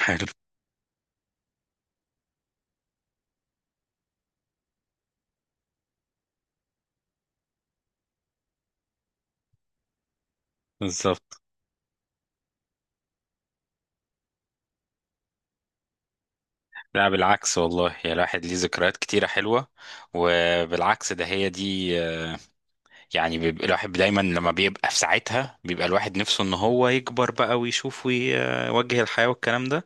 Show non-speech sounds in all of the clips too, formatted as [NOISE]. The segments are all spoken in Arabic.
حلو. بالظبط. لا، بالعكس والله، يا الواحد ليه ذكريات كتيرة حلوة. وبالعكس ده هي دي. يعني بيبقى الواحد دايما لما بيبقى في ساعتها بيبقى الواحد نفسه ان هو يكبر بقى ويشوف ويوجه الحياة والكلام ده.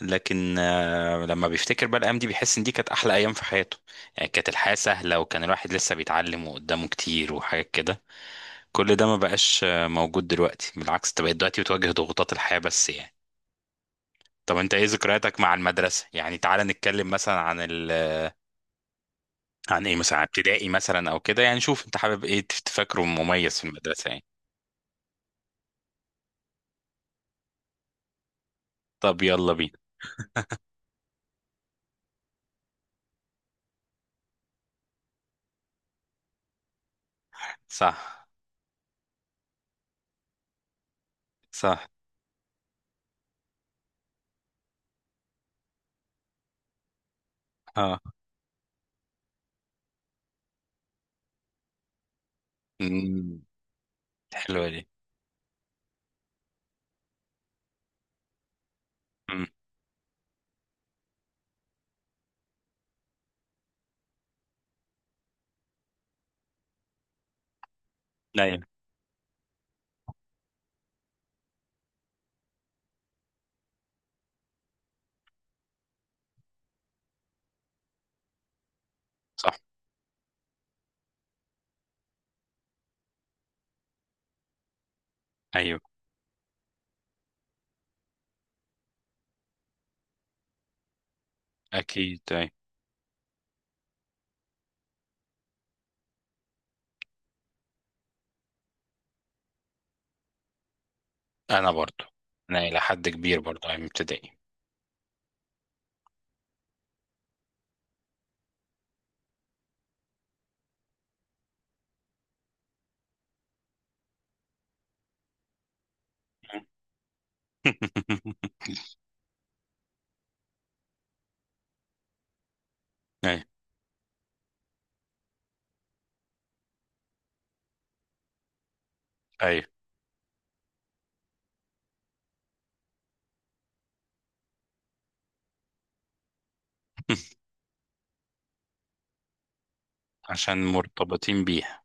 لكن لما بيفتكر بقى الأيام دي بيحس ان دي كانت أحلى أيام في حياته. يعني كانت الحياة سهلة وكان الواحد لسه بيتعلم وقدامه كتير وحاجات كده. كل ده ما بقاش موجود دلوقتي. بالعكس، انت بقيت دلوقتي بتواجه ضغوطات الحياة بس، يعني. طب انت ايه ذكرياتك مع المدرسة؟ يعني تعال نتكلم مثلا عن ايه، مثلا عن ابتدائي مثلا او كده. يعني شوف انت حابب ايه تفكره مميز في المدرسة؟ يعني طب يلا بينا. صح، صح. اه. امم. حلوة دي. امم. ايوه، صح، ايوه، اكيد، ايوه. انا برضو انا الى حد كبير برضو ايام ابتدائي. [LAUGHS] ايوه ايوه [LAUGHS] عشان مرتبطين بيها.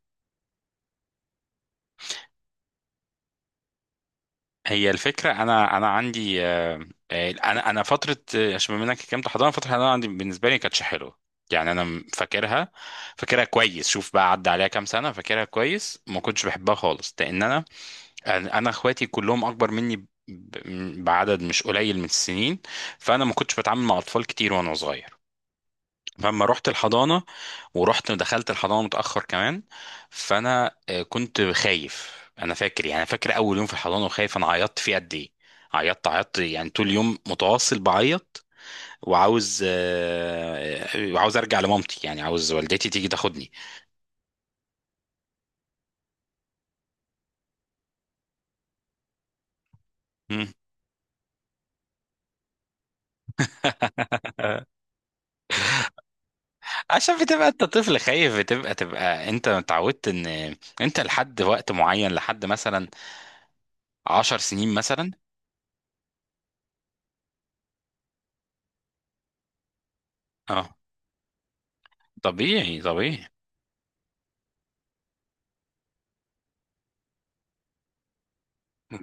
هي الفكرة، أنا عندي. أنا أنا فترة آه، عشان بما إنك كنت حضانة، فترة الحضانة عندي بالنسبة لي ما كانتش حلوة. يعني أنا فاكرها. فاكرها كويس. شوف بقى، عدى عليها كام سنة، فاكرها كويس. ما كنتش بحبها خالص لأن أنا إخواتي كلهم أكبر مني بعدد مش قليل من السنين. فأنا ما كنتش بتعامل مع أطفال كتير وأنا صغير. فلما رحت الحضانة، ورحت دخلت الحضانة متأخر كمان. فأنا كنت خايف. أنا فاكر، يعني فاكر أول يوم في الحضانة، وخايف. أنا عيطت فيه قد إيه. عيطت عيطت، يعني طول اليوم متواصل بعيط. وعاوز آه، آه، وعاوز أرجع لمامتي، يعني عاوز والدتي تيجي تاخدني. مم. [LAUGHS] عشان بتبقى انت طفل خايف. بتبقى انت اتعودت ان انت لحد وقت معين، لحد مثلا 10 سنين مثلا. اه. طبيعي، طبيعي.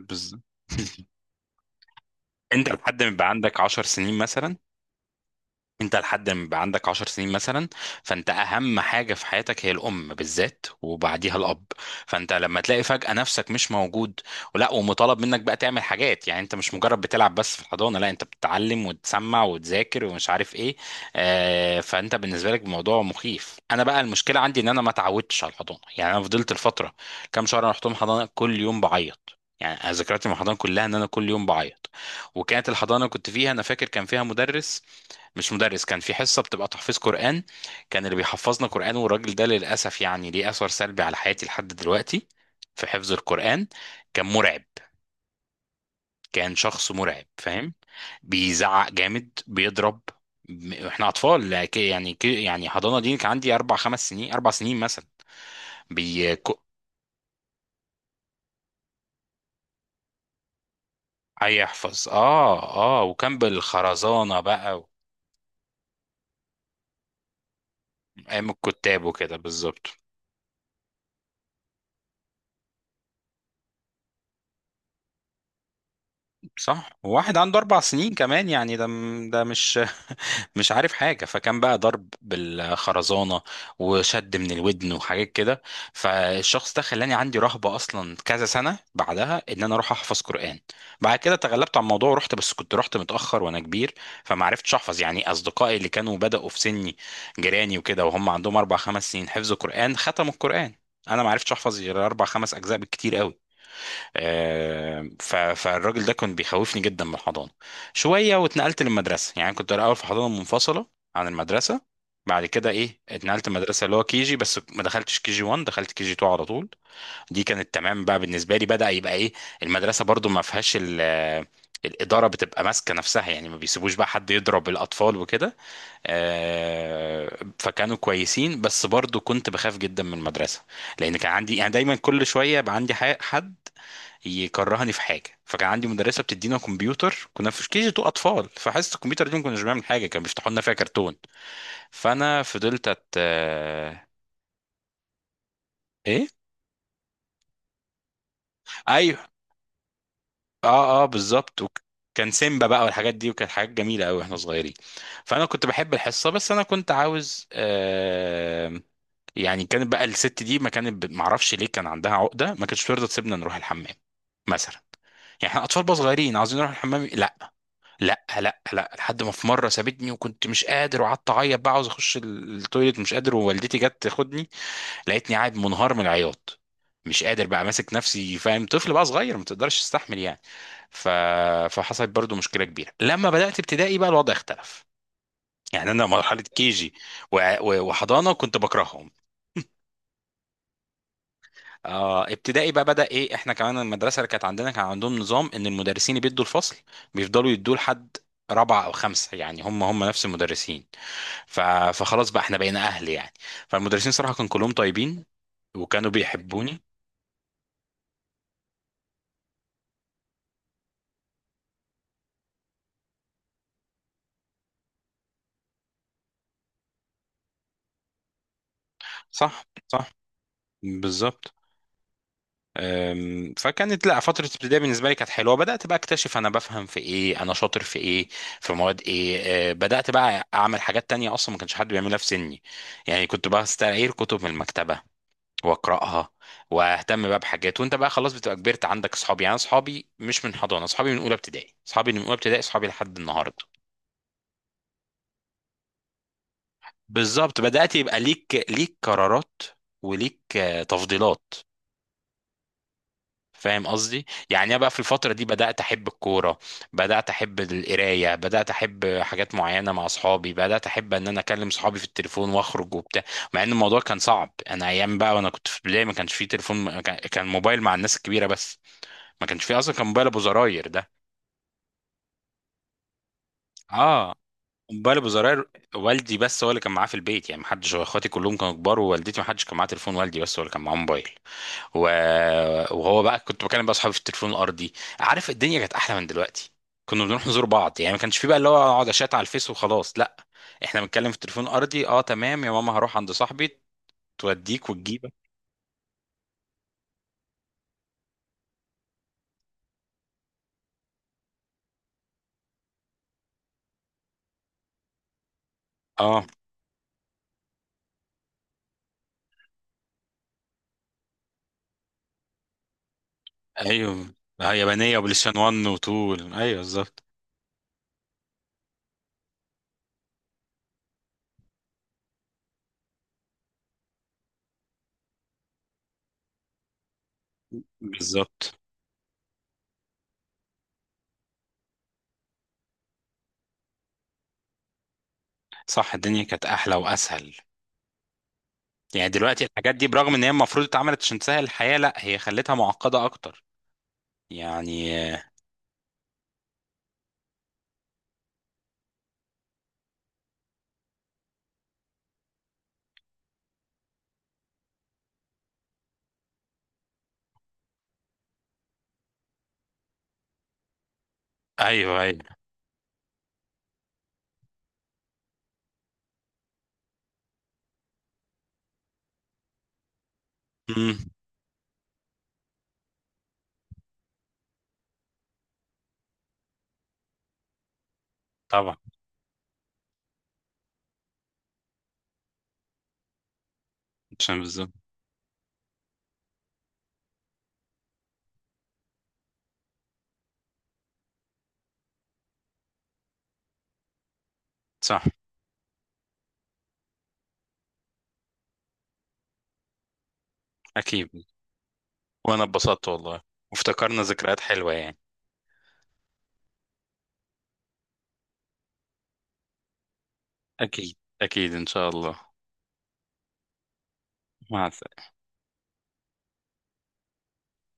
بالظبط. [LAUGHS] انت لحد ما يبقى عندك 10 سنين مثلا. انت لحد ما يبقى عندك 10 سنين مثلا. فانت اهم حاجه في حياتك هي الام بالذات، وبعديها الاب. فانت لما تلاقي فجاه نفسك مش موجود ولا، ومطالب منك بقى تعمل حاجات. يعني انت مش مجرد بتلعب بس في الحضانه، لا، انت بتتعلم وتسمع وتذاكر ومش عارف ايه. فانت بالنسبه لك الموضوع مخيف. انا بقى المشكله عندي ان انا ما اتعودتش على الحضانه. يعني انا فضلت الفتره كام شهر انا رحتهم حضانه كل يوم بعيط. يعني أنا ذكرياتي مع الحضانه كلها ان انا كل يوم بعيط. وكانت الحضانه اللي كنت فيها، انا فاكر كان فيها مدرس، مش مدرس، كان في حصة بتبقى تحفيظ قرآن. كان اللي بيحفظنا قرآن، والراجل ده للأسف يعني ليه أثر سلبي على حياتي لحد دلوقتي في حفظ القرآن. كان مرعب. كان شخص مرعب، فاهم؟ بيزعق جامد، بيضرب. احنا اطفال يعني حضانه دي كان عندي 4 5 سنين، 4 سنين مثلا. بي ك- هيحفظ. اه، اه. وكان بالخرزانه بقى. ايام الكتاب وكده، بالظبط. صح. وواحد عنده 4 سنين كمان، يعني ده مش مش عارف حاجة. فكان بقى ضرب بالخرزانة، وشد من الودن، وحاجات كده. فالشخص ده خلاني عندي رهبة أصلا كذا سنة بعدها إن أنا أروح أحفظ قرآن. بعد كده تغلبت على الموضوع ورحت، بس كنت رحت متأخر وأنا كبير، فما عرفتش أحفظ. يعني أصدقائي اللي كانوا بدأوا في سني، جيراني وكده، وهم عندهم 4 5 سنين، حفظوا قرآن، ختموا القرآن. أنا ما عرفتش أحفظ غير 4 5 أجزاء بالكتير قوي. فالراجل ده كان بيخوفني جدا من الحضانه. شويه واتنقلت للمدرسه. يعني كنت الاول في حضانه منفصله عن المدرسه. بعد كده ايه، اتنقلت المدرسه اللي هو كي جي، بس ما دخلتش كي جي 1، دخلت كي جي 2 على طول. دي كانت تمام بقى. بالنسبه لي بدا يبقى ايه. المدرسه برضو ما فيهاش الإدارة بتبقى ماسكة نفسها. يعني ما بيسيبوش بقى حد يضرب الأطفال وكده. فكانوا كويسين، بس برضو كنت بخاف جدا من المدرسة. لأن كان عندي يعني دايما كل شوية بقى عندي حد يكرهني في حاجه. فكان عندي مدرسه بتدينا كمبيوتر، كنا في كي جي 2 اطفال، فحصه الكمبيوتر دي ما كناش بنعمل حاجه، كانوا بيفتحوا لنا فيها كرتون. فانا فضلت أت... آه، ايه. ايوه. اه، اه، بالظبط كان سيمبا بقى والحاجات دي، وكانت حاجات جميله قوي واحنا صغيرين. فانا كنت بحب الحصه. بس انا كنت عاوز يعني. كانت بقى الست دي ما كانت معرفش ليه كان عندها عقده، ما كانتش ترضى تسيبنا نروح الحمام مثلا. يعني احنا اطفال بقى صغيرين عاوزين نروح الحمام. لا، لا، لا، لا، لحد ما في مره سابتني وكنت مش قادر وقعدت اعيط بقى عاوز اخش التويليت، مش قادر. ووالدتي جت تاخدني لقيتني قاعد منهار من العياط، مش قادر بقى ماسك نفسي. فاهم؟ طفل بقى صغير ما تقدرش تستحمل يعني. ف... فحصلت برضو مشكله كبيره. لما بدات ابتدائي بقى الوضع اختلف. يعني انا مرحله كيجي وحضانه كنت بكرههم. آه، ابتدائي بقى بدا ايه. احنا كمان المدرسه اللي كانت عندنا كان عندهم نظام ان المدرسين اللي بيدوا الفصل بيفضلوا يدوه لحد رابعه او خمسه. يعني هم هم نفس المدرسين. ف- فخلاص بقى احنا بقينا اهل يعني. فالمدرسين صراحة كانوا كلهم طيبين وكانوا بيحبوني. صح، صح، بالظبط. فكانت، لا، فترة ابتدائي بالنسبة لي كانت حلوة. بدأت بقى اكتشف انا بفهم في ايه، انا شاطر في ايه، في مواد ايه. بدأت بقى اعمل حاجات تانية اصلا ما كانش حد بيعملها في سني. يعني كنت بستعير كتب من المكتبة واقراها، واهتم بقى بحاجات. وانت بقى خلاص بتبقى كبرت، عندك اصحابي، يعني اصحابي مش من حضانة، اصحابي من اولى ابتدائي، اصحابي لحد النهاردة. بالظبط. بدأت يبقى ليك، قرارات، وليك تفضيلات. فاهم قصدي؟ يعني انا بقى في الفتره دي بدات احب الكوره، بدات احب القرايه، بدات احب حاجات معينه مع اصحابي، بدات احب ان انا اكلم صحابي في التليفون واخرج وبتاع. مع ان الموضوع كان صعب. انا ايام بقى وانا كنت في البدايه ما كانش فيه تليفون، ما كان كان موبايل مع الناس الكبيره بس، ما كانش فيه اصلا، كان موبايل ابو زراير ده. اه، موبايل ابو زراير. والدي بس هو اللي كان معاه في البيت. يعني ما حدش، اخواتي كلهم كانوا كبار، ووالدتي ما حدش كان معاه تليفون، والدي بس هو اللي كان معاه موبايل. و... وهو بقى كنت بكلم بقى اصحابي في التليفون الارضي. عارف، الدنيا كانت احلى من دلوقتي. كنا بنروح نزور بعض. يعني ما كانش في بقى اللي هو اقعد اشات على الفيس وخلاص، لا، احنا بنتكلم في التليفون الارضي: اه تمام يا ماما هروح عند صاحبي. توديك وتجيبك. اه. ايوه. آه، يابانيه وبلاي ستيشن 1. وطول. ايوه، بالظبط. بالظبط. صح. الدنيا كانت احلى واسهل. يعني دلوقتي الحاجات دي برغم ان هي المفروض اتعملت عشان تسهل الحياه، لا هي خلتها معقده اكتر. يعني ايوه، ايوه. امم. طبعا. عشان بالظبط. صح. أكيد. وأنا اتبسطت والله، وافتكرنا ذكريات حلوة يعني. أكيد، أكيد، إن شاء الله. مع السلامة.